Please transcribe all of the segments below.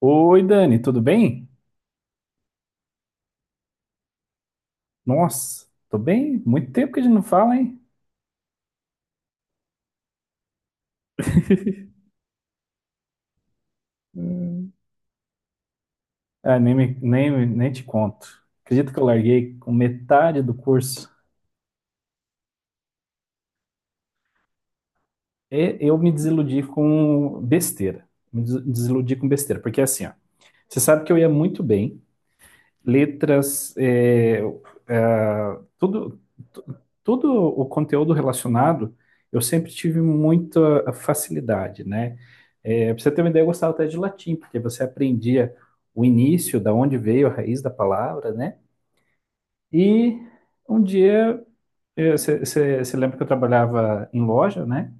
Oi, Dani, tudo bem? Nossa, tô bem. Muito tempo que a gente não fala, hein? Hum. Ah, nem te conto. Acredito que eu larguei com metade do curso. E eu me desiludi com besteira. Me desiludi com besteira, porque é assim, ó, você sabe que eu ia muito bem letras, tudo, tu- todo o conteúdo relacionado, eu sempre tive muita facilidade, né? É, pra você ter uma ideia, eu gostava até de latim, porque você aprendia o início, da onde veio a raiz da palavra, né? E um dia, você lembra que eu trabalhava em loja, né?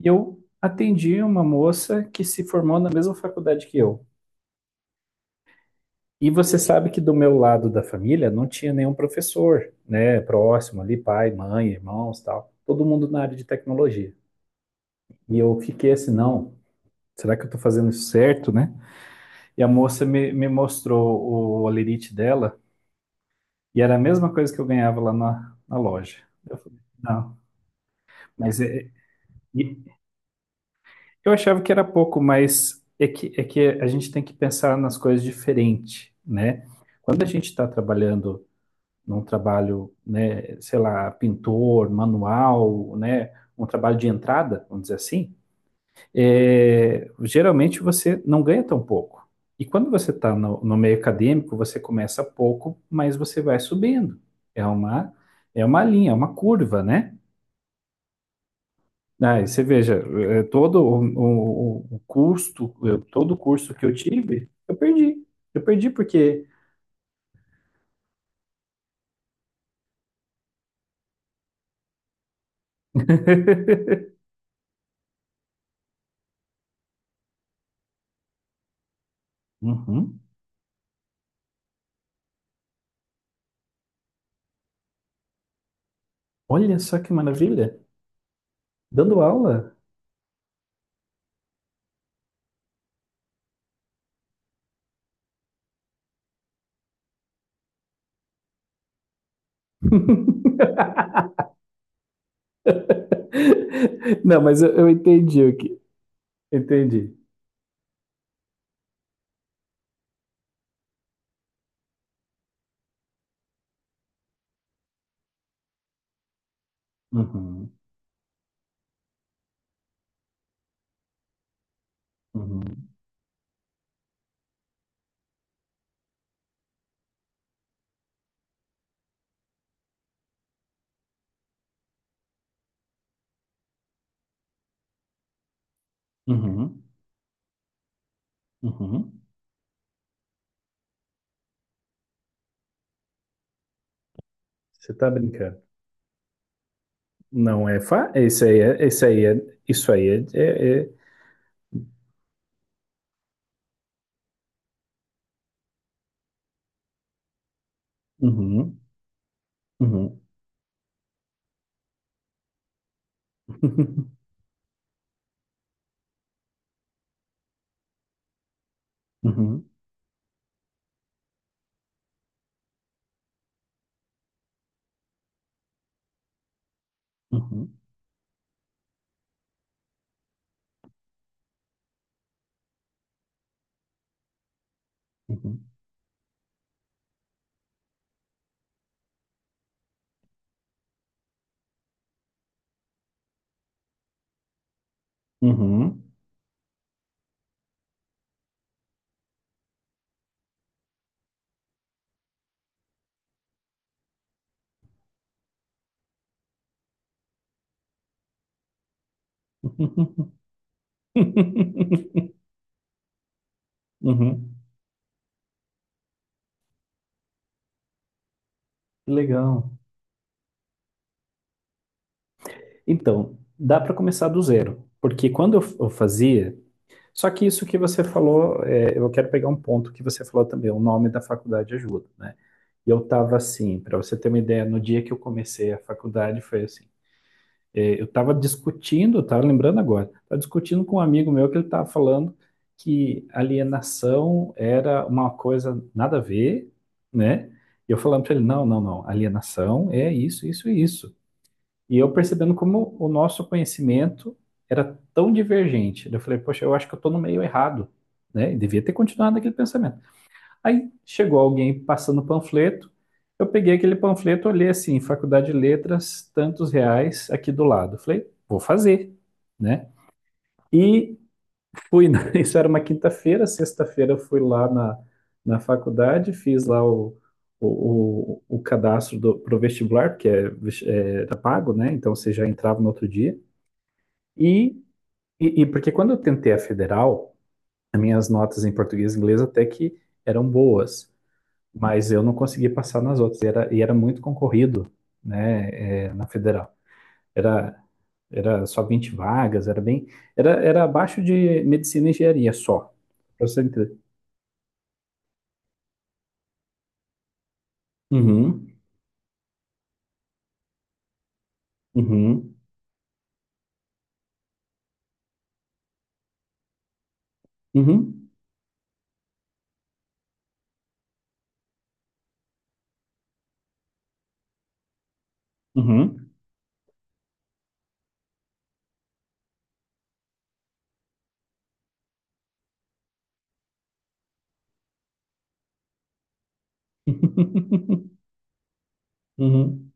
E eu atendi uma moça que se formou na mesma faculdade que eu. E você sabe que do meu lado da família não tinha nenhum professor, né, próximo ali, pai, mãe, irmãos, tal. Todo mundo na área de tecnologia. E eu fiquei assim, não, será que eu tô fazendo isso certo, né? E a moça me mostrou o holerite dela e era a mesma coisa que eu ganhava lá na loja. Eu falei, não, mas é- e eu achava que era pouco, mas é que a gente tem que pensar nas coisas diferente, né? Quando a gente está trabalhando num trabalho, né, sei lá, pintor, manual, né, um trabalho de entrada, vamos dizer assim, geralmente você não ganha tão pouco. E quando você está no meio acadêmico, você começa pouco, mas você vai subindo. É uma, é uma linha, é uma curva, né? Aí você veja, todo o custo, todo o curso que eu tive, eu perdi. Eu perdi porque. Uhum. Olha só que maravilha! Dando aula. Não, mas eu entendi o que. Entendi. Uhum, uhum, uhum, uhum. Você tá brincando. Não é fa... isso aí é, é- é- Uhum, uhum, uhum, uhum, uhum, uhum, uhum. Que legal. Então, dá para começar do zero, porque quando eu fazia, só que isso que você falou, eu quero pegar um ponto que você falou também, o nome da faculdade ajuda, né? E eu estava assim, para você ter uma ideia, no dia que eu comecei a faculdade foi assim. Eu estava discutindo, estava lembrando agora, estava discutindo com um amigo meu que ele estava falando que alienação era uma coisa nada a ver, né? E eu falando para ele, não, não, não, alienação é isso, isso e isso. E eu percebendo como o nosso conhecimento era tão divergente. Eu falei, poxa, eu acho que eu estou no meio errado, né? E devia ter continuado naquele pensamento. Aí chegou alguém passando panfleto. Eu peguei aquele panfleto, olhei assim, Faculdade de Letras, tantos reais aqui do lado. Falei, vou fazer, né? E fui, isso era uma quinta-feira, sexta-feira eu fui lá na, na faculdade, fiz lá o cadastro pro vestibular, porque era pago, né? Então você já entrava no outro dia. E, e porque quando eu tentei a federal, as minhas notas em português e inglês até que eram boas. Mas eu não conseguia passar nas outras. E era muito concorrido, né, na federal. Era, era só 20 vagas, era bem. Era abaixo de medicina e engenharia só. Pra você entender. Uhum, uhum, uhum, uhum, uhum,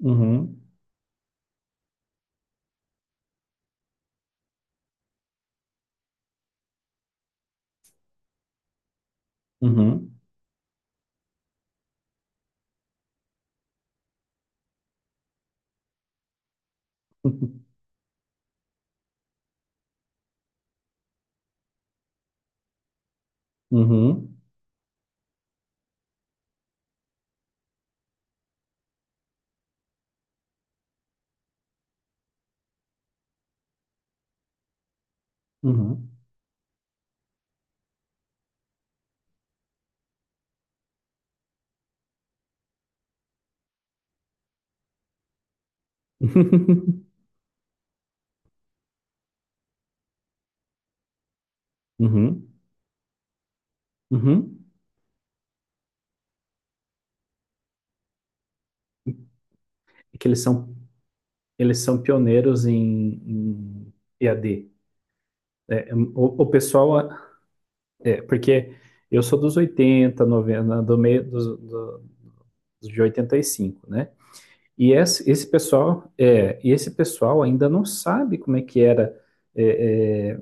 uhum, uhum, uhum, uhum, uhum, uhum. É que eles são pioneiros em EAD. O pessoal. Porque eu sou dos 80 90 do meio dos, do, de 85, né? E esse pessoal ainda não sabe como é que era. é, é,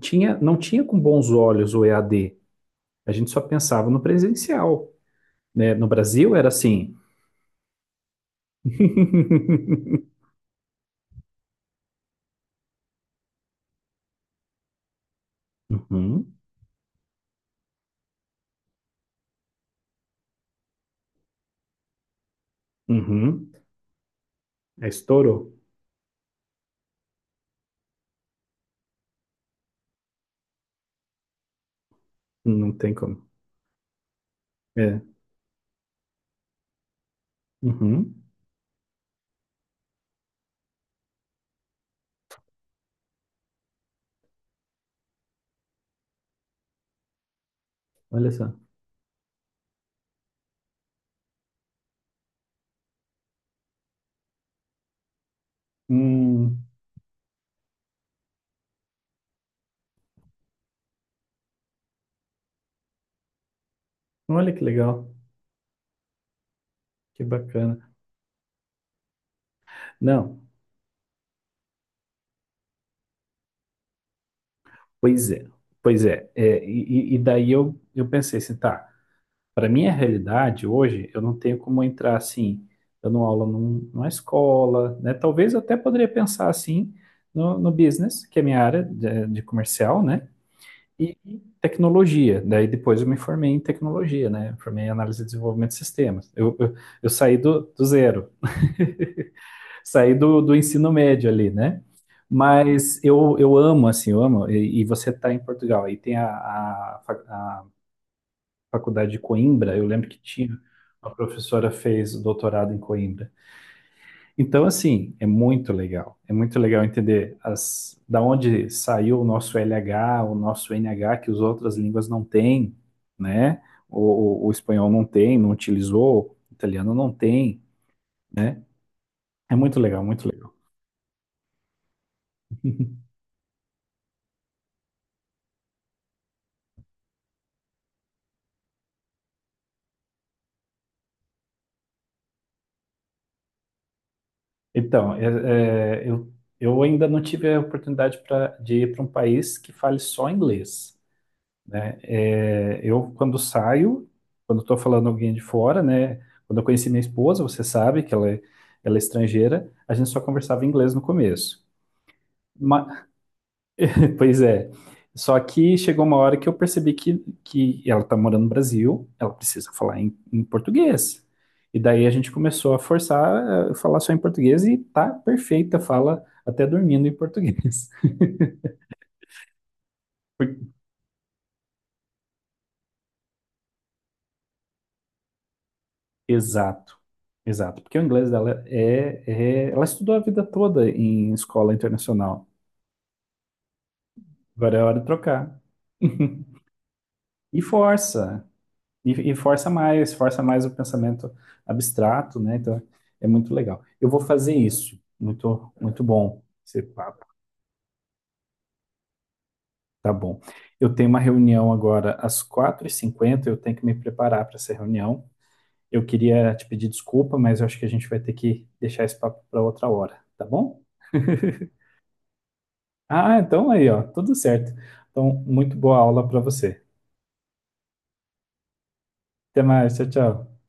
não tinha com bons olhos o EAD. A D. A gente só pensava no presencial. Né? No Brasil era assim. Uhum, uhum. É, estourou. Não tem como. É. Uhum. Olha só. Hum, olha que legal. Que bacana. Não. Pois é, pois é, e daí eu pensei assim, tá, para minha realidade hoje, eu não tenho como entrar assim, dando aula numa escola, né? Talvez eu até poderia pensar assim no business, que é minha área de comercial, né? E tecnologia, daí depois eu me formei em tecnologia, né? Formei em análise e desenvolvimento de sistemas. Eu saí do zero, saí do ensino médio ali, né? Mas eu amo, assim, eu amo. E você está em Portugal, aí tem a faculdade de Coimbra, eu lembro que tinha, uma professora fez o doutorado em Coimbra. Então, assim, é muito legal. É muito legal entender da onde saiu o nosso LH, o nosso NH, que as outras línguas não têm, né? O espanhol não tem, não utilizou, o italiano não tem, né? É muito legal, muito legal. Então, eu ainda não tive a oportunidade de ir para um país que fale só inglês, né? Quando saio, quando estou falando alguém de fora, né? Quando eu conheci minha esposa, você sabe que ela é estrangeira, a gente só conversava inglês no começo. Ma- Pois é. Só que chegou uma hora que eu percebi que ela tá morando no Brasil, ela precisa falar em português. E daí a gente começou a forçar a falar só em português e tá perfeita, fala até dormindo em português. Por- Exato, exato. Porque o inglês dela é. Ela estudou a vida toda em escola internacional. Agora é hora de trocar. E força. E força mais o pensamento abstrato, né? Então é muito legal. Eu vou fazer isso. Muito, muito bom esse papo. Tá bom. Eu tenho uma reunião agora às 4:50. Eu tenho que me preparar para essa reunião. Eu queria te pedir desculpa, mas eu acho que a gente vai ter que deixar esse papo para outra hora, tá bom? Ah, então aí, ó, tudo certo. Então, muito boa aula para você. Até mais, tchau, tchau.